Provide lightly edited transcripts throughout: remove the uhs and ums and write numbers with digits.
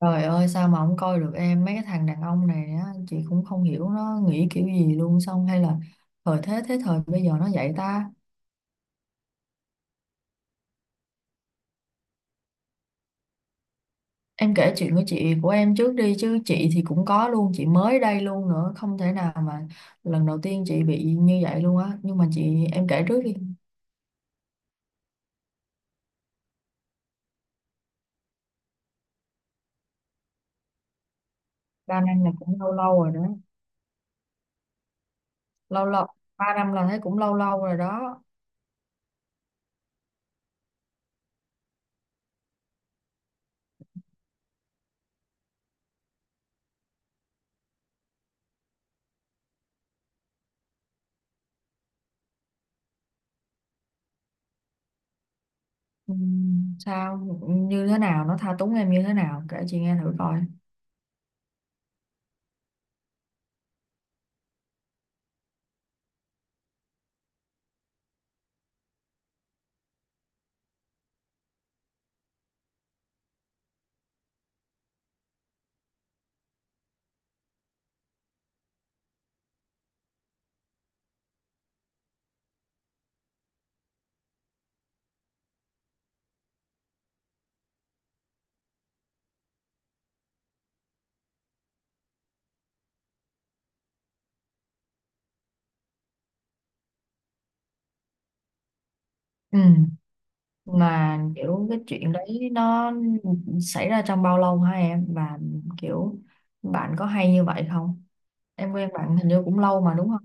Trời ơi, sao mà không coi được em. Mấy cái thằng đàn ông này á chị cũng không hiểu nó nghĩ kiểu gì luôn. Xong hay là thời thế thế thời bây giờ nó vậy ta. Em kể chuyện của chị của em trước đi chứ, chị thì cũng có luôn, chị mới đây luôn, nữa không thể nào mà lần đầu tiên chị bị như vậy luôn á, nhưng mà chị em kể trước đi. Ba năm là cũng lâu lâu rồi đó. Lâu lâu, 3 năm là thấy cũng lâu lâu rồi đó. Sao, như thế nào, nó tha túng em như thế nào kể chị nghe thử coi. Ừ, mà kiểu cái chuyện đấy nó xảy ra trong bao lâu hả em, và kiểu bạn có hay như vậy không? Em quen bạn hình như cũng lâu mà đúng không?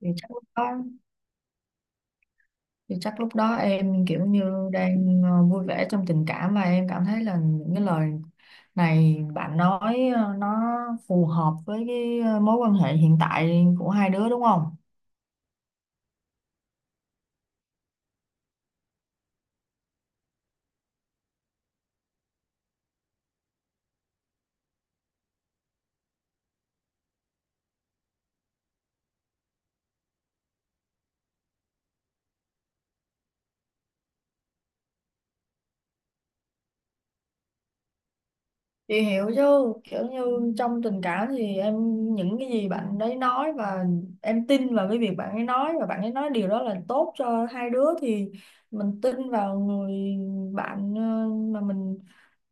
Thì chắc lúc đó thì chắc lúc đó em kiểu như đang vui vẻ trong tình cảm, mà em cảm thấy là những cái lời này bạn nói nó phù hợp với cái mối quan hệ hiện tại của hai đứa đúng không? Chị hiểu chứ, kiểu như trong tình cảm thì em những cái gì bạn đấy nói và em tin vào cái việc bạn ấy nói, và bạn ấy nói điều đó là tốt cho hai đứa, thì mình tin vào người bạn mà mình,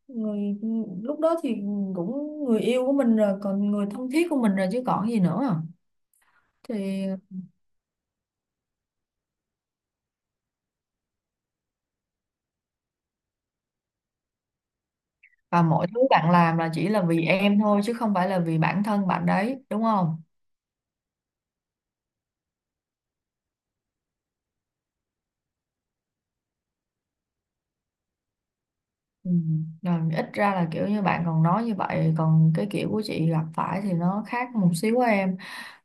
người lúc đó thì cũng người yêu của mình rồi, còn người thân thiết của mình rồi chứ còn gì nữa. Thì và mọi thứ bạn làm là chỉ là vì em thôi chứ không phải là vì bản thân bạn đấy đúng không? Ừ. Rồi ít ra là kiểu như bạn còn nói như vậy, còn cái kiểu của chị gặp phải thì nó khác một xíu của em.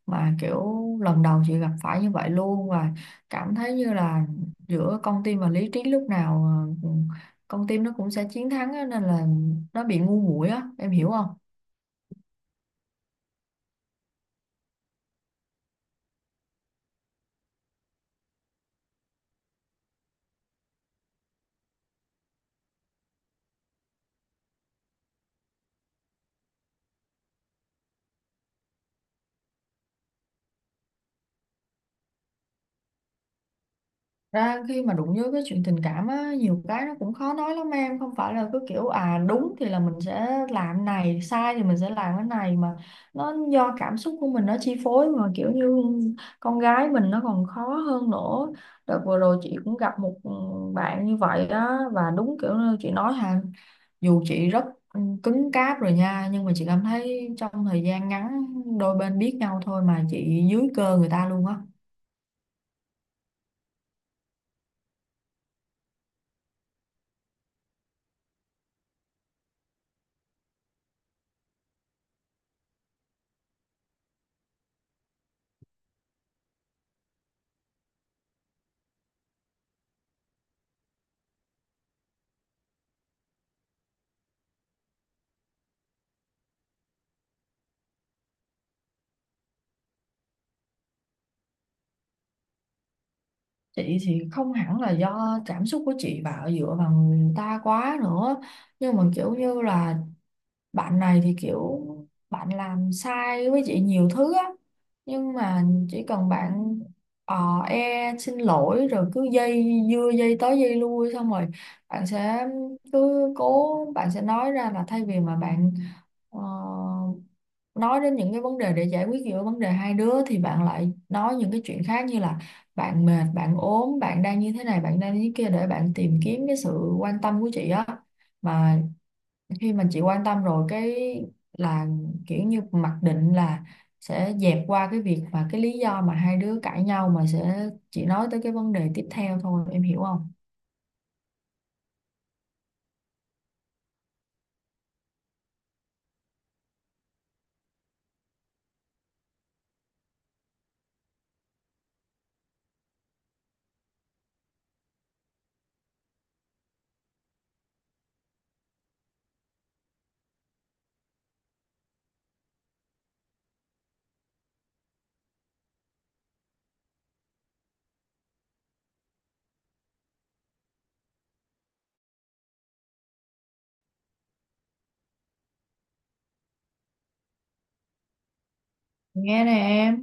Mà kiểu lần đầu chị gặp phải như vậy luôn, và cảm thấy như là giữa con tim và lý trí lúc nào ờ, con tim nó cũng sẽ chiến thắng á, nên là nó bị ngu muội á, em hiểu không? Ra khi mà đụng với cái chuyện tình cảm á, nhiều cái nó cũng khó nói lắm em, không phải là cứ kiểu à đúng thì là mình sẽ làm này, sai thì mình sẽ làm cái này, mà nó do cảm xúc của mình nó chi phối. Mà kiểu như con gái mình nó còn khó hơn nữa. Đợt vừa rồi chị cũng gặp một bạn như vậy đó, và đúng kiểu như chị nói hà, dù chị rất cứng cáp rồi nha, nhưng mà chị cảm thấy trong thời gian ngắn đôi bên biết nhau thôi mà chị dưới cơ người ta luôn á. Chị thì không hẳn là do cảm xúc của chị bảo dựa vào người ta quá nữa, nhưng mà kiểu như là bạn này thì kiểu bạn làm sai với chị nhiều thứ á, nhưng mà chỉ cần bạn e xin lỗi rồi cứ dây dưa dây tới dây lui, xong rồi bạn sẽ cứ cố, bạn sẽ nói ra là thay vì mà bạn Ờ, nói đến những cái vấn đề để giải quyết giữa vấn đề hai đứa, thì bạn lại nói những cái chuyện khác như là bạn mệt, bạn ốm, bạn đang như thế này, bạn đang như thế kia, để bạn tìm kiếm cái sự quan tâm của chị á. Mà khi mà chị quan tâm rồi cái là kiểu như mặc định là sẽ dẹp qua cái việc và cái lý do mà hai đứa cãi nhau, mà sẽ chỉ nói tới cái vấn đề tiếp theo thôi, em hiểu không? Nghe nè em,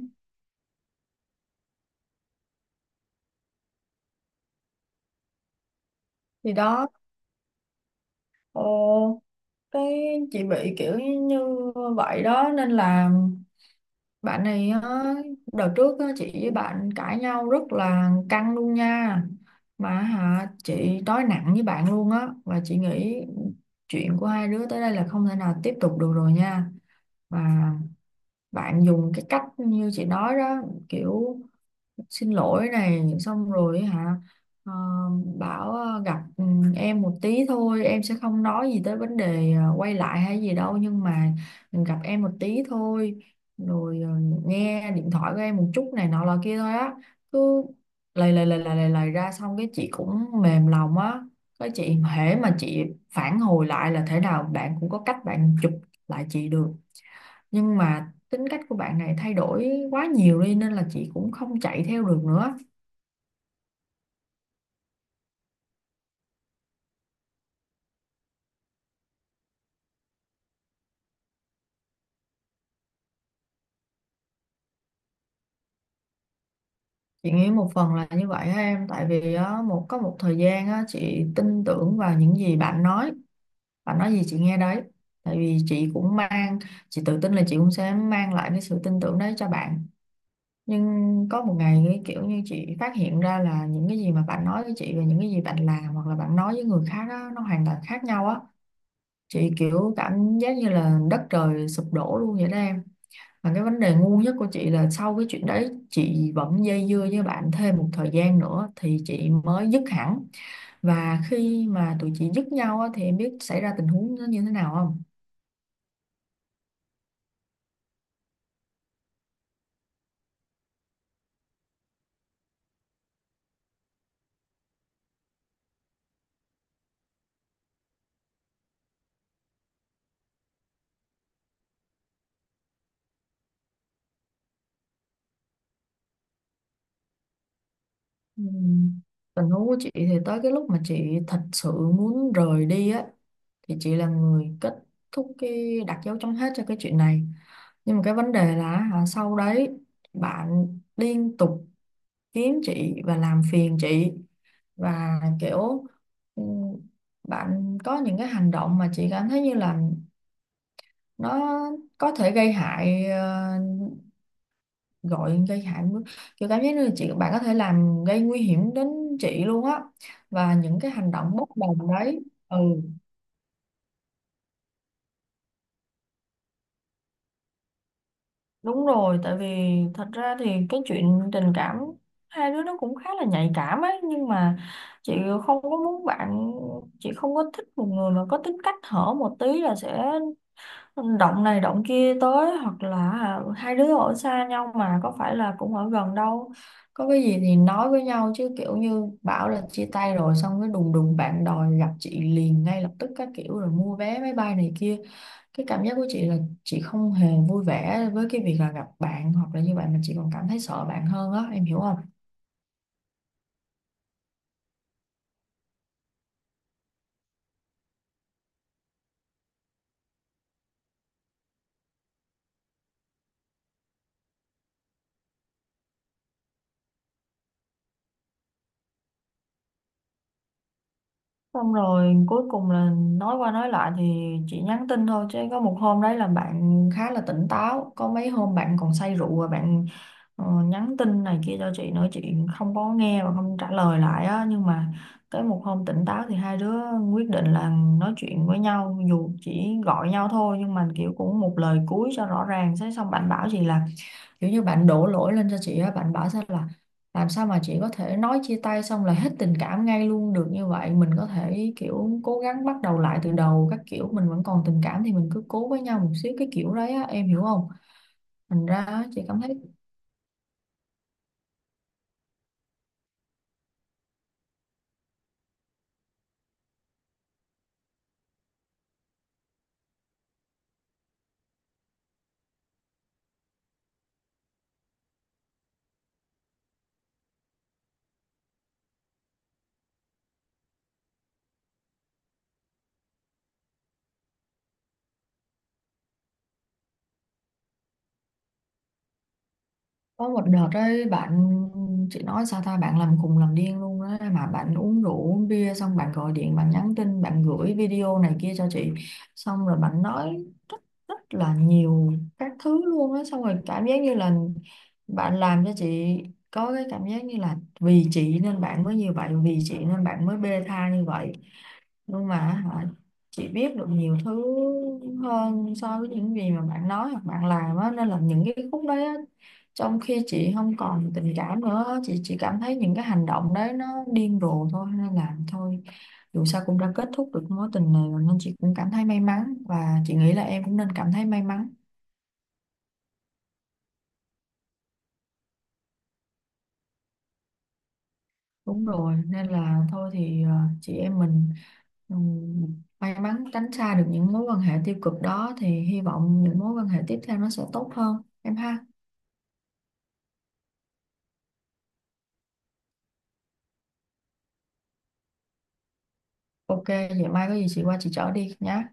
thì đó. Ồ, cái chị bị kiểu như vậy đó nên là bạn này á, đợt trước á, chị với bạn cãi nhau rất là căng luôn nha, mà hả chị nói nặng với bạn luôn á, và chị nghĩ chuyện của hai đứa tới đây là không thể nào tiếp tục được rồi nha. Và bạn dùng cái cách như chị nói đó, kiểu xin lỗi này xong rồi hả, ờ, bảo gặp em một tí thôi, em sẽ không nói gì tới vấn đề quay lại hay gì đâu, nhưng mà gặp em một tí thôi, rồi nghe điện thoại của em một chút này nọ là kia thôi á. Cứ lầy lầy lầy lầy lầy lầy ra, xong cái chị cũng mềm lòng á. Cái chị hễ mà chị phản hồi lại là thế nào bạn cũng có cách bạn chụp lại chị được. Nhưng mà tính cách của bạn này thay đổi quá nhiều đi, nên là chị cũng không chạy theo được nữa. Chị nghĩ một phần là như vậy á em, tại vì á, một có một thời gian á, chị tin tưởng vào những gì bạn nói, bạn nói gì chị nghe đấy. Tại vì chị cũng mang, chị tự tin là chị cũng sẽ mang lại cái sự tin tưởng đấy cho bạn. Nhưng có một ngày cái kiểu như chị phát hiện ra là những cái gì mà bạn nói với chị và những cái gì bạn làm hoặc là bạn nói với người khác á, nó hoàn toàn khác nhau á. Chị kiểu cảm giác như là đất trời sụp đổ luôn vậy đó em. Mà cái vấn đề ngu nhất của chị là sau cái chuyện đấy chị vẫn dây dưa với bạn thêm một thời gian nữa thì chị mới dứt hẳn. Và khi mà tụi chị dứt nhau á, thì em biết xảy ra tình huống nó như thế nào không? Ừm, Tình huống của chị thì tới cái lúc mà chị thật sự muốn rời đi á, thì chị là người kết thúc, cái đặt dấu chấm hết cho cái chuyện này. Nhưng mà cái vấn đề là hả, sau đấy bạn liên tục kiếm chị và làm phiền chị. Và kiểu ừ, bạn có những cái hành động mà chị cảm thấy như là nó có thể gây hại, gọi gây hại, kiểu cảm giác như là chị bạn có thể làm gây nguy hiểm đến chị luôn á, và những cái hành động bốc đồng đấy. Ừ đúng rồi, tại vì thật ra thì cái chuyện tình cảm hai đứa nó cũng khá là nhạy cảm ấy, nhưng mà chị không có muốn bạn, chị không có thích một người mà có tính cách hở một tí là sẽ động này động kia tới, hoặc là à, hai đứa ở xa nhau mà có phải là cũng ở gần đâu, có cái gì thì nói với nhau chứ, kiểu như bảo là chia tay rồi xong cái đùng đùng bạn đòi gặp chị liền ngay lập tức các kiểu, rồi mua vé máy bay này kia. Cái cảm giác của chị là chị không hề vui vẻ với cái việc là gặp bạn hoặc là như vậy, mà chị còn cảm thấy sợ bạn hơn á, em hiểu không? Xong rồi cuối cùng là nói qua nói lại thì chị nhắn tin thôi, chứ có một hôm đấy là bạn khá là tỉnh táo, có mấy hôm bạn còn say rượu và bạn nhắn tin này kia cho chị nữa, chị không có nghe và không trả lời lại á. Nhưng mà tới một hôm tỉnh táo thì hai đứa quyết định là nói chuyện với nhau, dù chỉ gọi nhau thôi, nhưng mà kiểu cũng một lời cuối cho rõ ràng. Thế xong bạn bảo chị là kiểu như bạn đổ lỗi lên cho chị á, bạn bảo sao là làm sao mà chị có thể nói chia tay xong là hết tình cảm ngay luôn được như vậy, mình có thể kiểu cố gắng bắt đầu lại từ đầu các kiểu, mình vẫn còn tình cảm thì mình cứ cố với nhau một xíu, cái kiểu đấy á em hiểu không? Thành ra á, chị cảm thấy có một đợt đấy bạn, chị nói sao ta, bạn làm khùng làm điên luôn á, mà bạn uống rượu uống bia xong bạn gọi điện, bạn nhắn tin, bạn gửi video này kia cho chị. Xong rồi bạn nói rất rất là nhiều các thứ luôn á. Xong rồi cảm giác như là bạn làm cho chị có cái cảm giác như là vì chị nên bạn mới như vậy, vì chị nên bạn mới bê tha như vậy. Nhưng mà hả, chị biết được nhiều thứ hơn so với những gì mà bạn nói hoặc bạn làm á, nên là những cái khúc đấy á, trong khi chị không còn tình cảm nữa, chị chỉ cảm thấy những cái hành động đấy nó điên rồ thôi. Nên là thôi, dù sao cũng đã kết thúc được mối tình này rồi, nên chị cũng cảm thấy may mắn và chị nghĩ là em cũng nên cảm thấy may mắn. Đúng rồi, nên là thôi thì chị em mình may mắn tránh xa được những mối quan hệ tiêu cực đó, thì hy vọng những mối quan hệ tiếp theo nó sẽ tốt hơn em ha. OK, vậy mai có gì chị qua chị chở đi nhé.